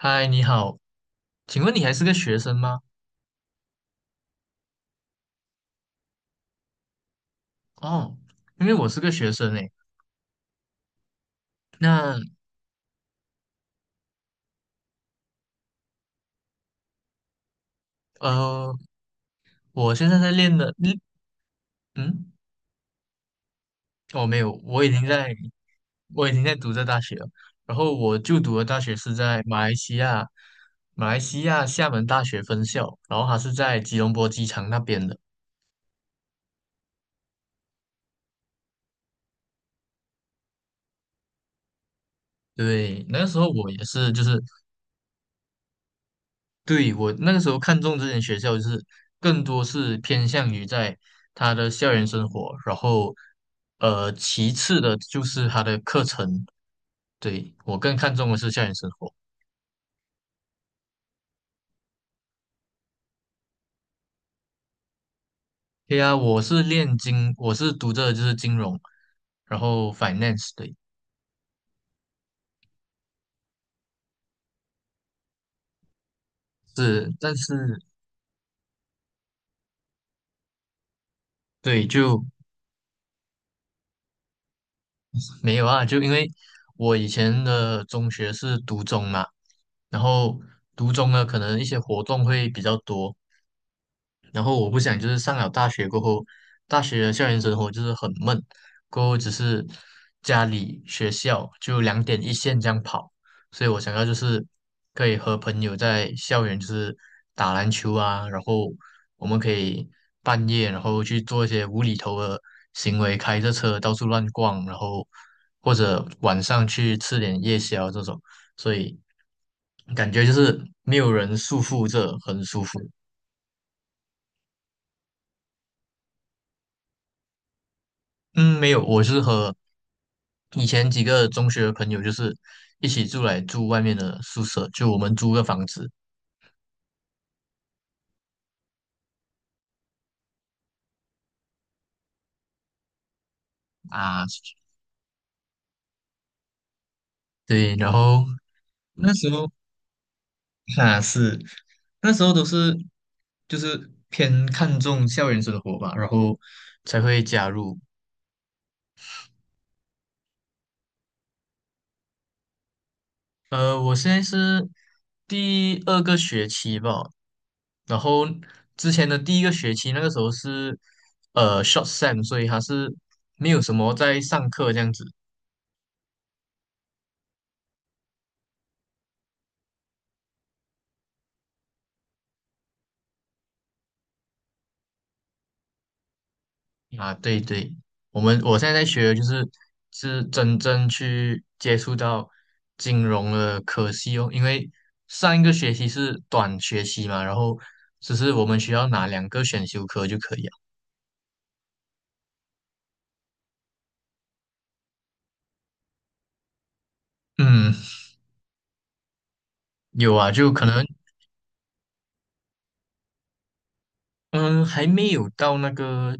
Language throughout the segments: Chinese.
嗨，你好，请问你还是个学生吗？哦，因为我是个学生诶。那呃，我现在在练的，嗯我没有，我已经在读这大学了。然后我就读的大学是在马来西亚，马来西亚厦门大学分校，然后它是在吉隆坡机场那边的。对，那个时候我也是，就是对，我那个时候看中这间学校，就是更多是偏向于在他的校园生活，然后其次的就是他的课程。对，我更看重的是校园生活。对呀，我是读着就是金融，然后 finance，对，是，但是对就没有啊，就因为我以前的中学是读中嘛，然后读中呢，可能一些活动会比较多。然后我不想就是上了大学过后，大学的校园生活就是很闷，过后只是家里学校就两点一线这样跑，所以我想要就是可以和朋友在校园就是打篮球啊，然后我们可以半夜然后去做一些无厘头的行为，开着车到处乱逛，然后或者晚上去吃点夜宵这种，所以感觉就是没有人束缚着，很舒服。嗯，没有，我是和以前几个中学的朋友，就是一起住来住外面的宿舍，就我们租个房子啊。对，然后那时候啊是都是就是偏看重校园生活吧，然后才会加入。我现在是第二个学期吧，然后之前的第一个学期那个时候是short sem,所以它是没有什么在上课这样子。啊，对对，我现在在学的就是是真正去接触到金融的科系哦，因为上一个学期是短学期嘛，然后只是我们需要拿两个选修课就可以了。嗯，有啊，就可能嗯还没有到那个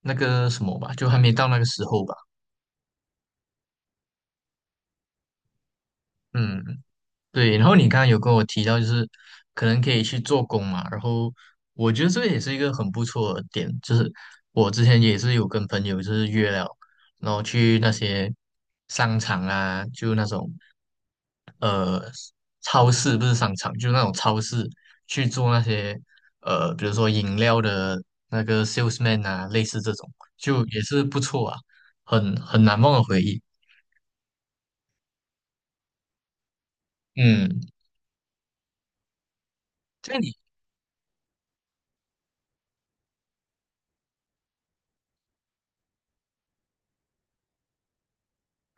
那个什么吧，就还没到那个时候吧。嗯。对，然后你刚刚有跟我提到，就是可能可以去做工嘛，然后我觉得这个也是一个很不错的点，就是我之前也是有跟朋友就是约了，然后去那些商场啊，就那种呃超市，不是商场，就那种超市去做那些比如说饮料的那个 salesman 啊，类似这种，就也是不错啊，很难忘的回忆。嗯，这样你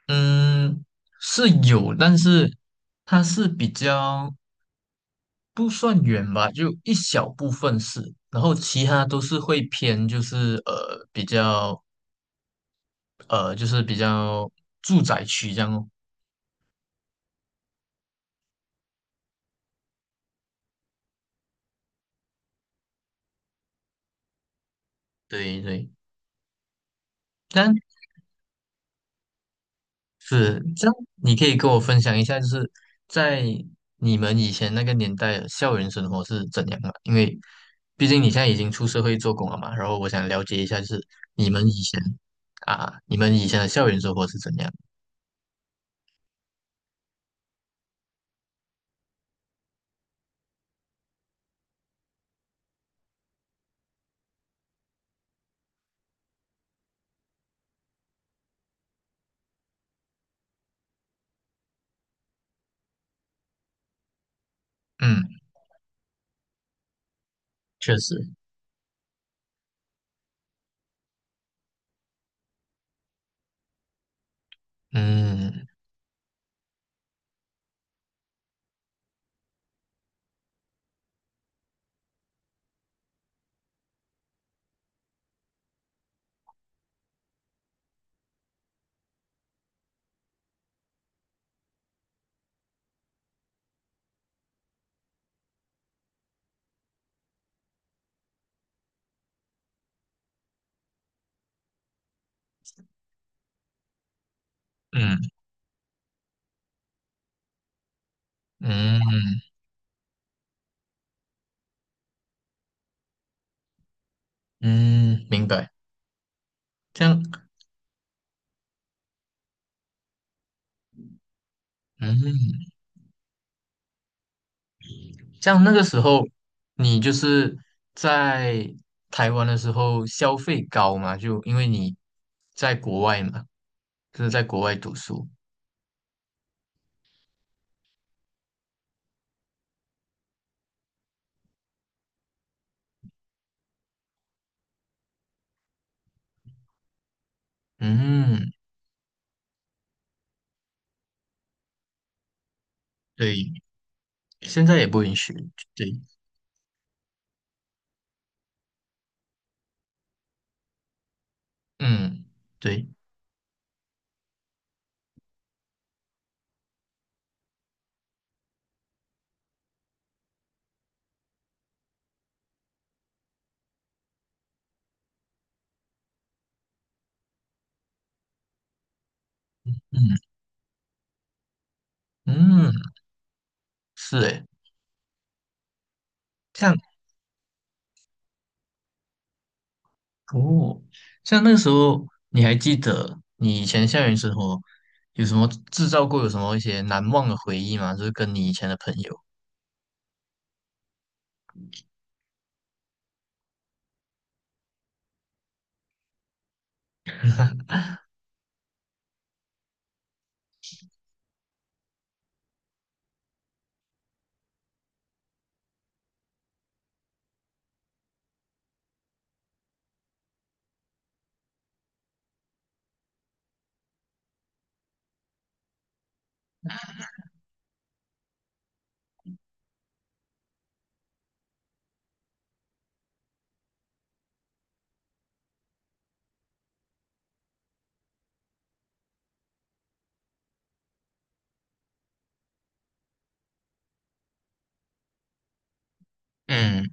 嗯，是有，但是它是比较不算远吧，就一小部分是，然后其他都是会偏，就是比较呃就是比较住宅区这样哦。对对，但是这样，你可以跟我分享一下，就是在你们以前那个年代的校园生活是怎样的？因为毕竟你现在已经出社会做工了嘛，然后我想了解一下，就是你们以前你们以前的校园生活是怎样的？嗯，确实，嗯嗯嗯嗯，明白。这样，嗯，这样那个时候你就是在台湾的时候消费高嘛，就因为你在国外嘛，就是在国外读书。嗯，对，现在也不允许。对，嗯，对，嗯嗯，是诶，这样。哦，像那个时候，你还记得你以前校园生活有什么制造过有什么一些难忘的回忆吗？就是跟你以前的朋友。嗯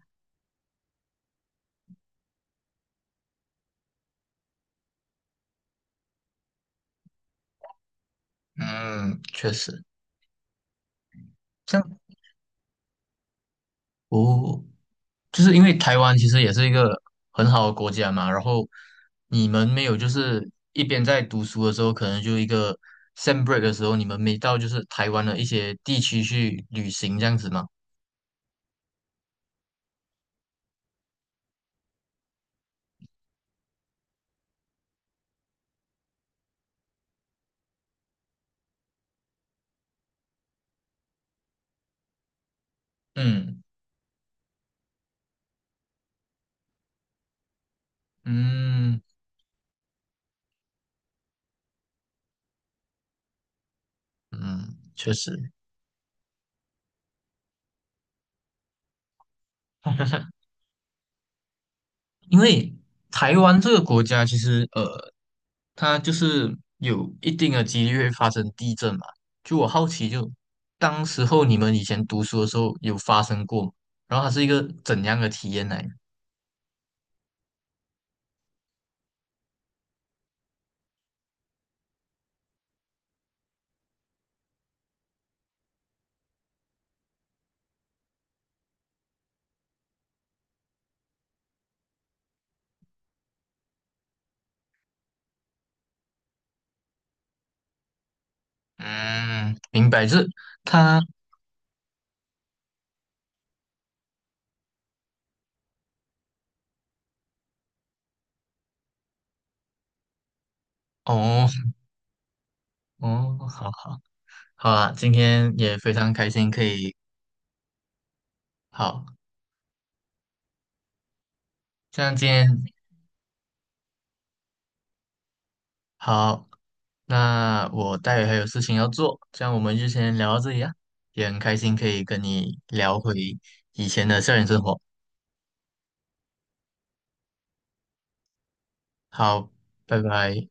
嗯，确实，像哦，就是因为台湾其实也是一个很好的国家嘛，然后你们没有就是一边在读书的时候，可能就一个 sem break 的时候，你们没到就是台湾的一些地区去旅行这样子吗？嗯嗯嗯，确实。因为台湾这个国家其实它就是有一定的几率会发生地震嘛。就我好奇就，当时候你们以前读书的时候有发生过吗？然后它是一个怎样的体验呢？嗯，明白，就是它哦哦，好好好啊，今天也非常开心可以好，像今天。好，那我待会还有事情要做，这样我们就先聊到这里啊。也很开心可以跟你聊回以前的校园生活。好，拜拜。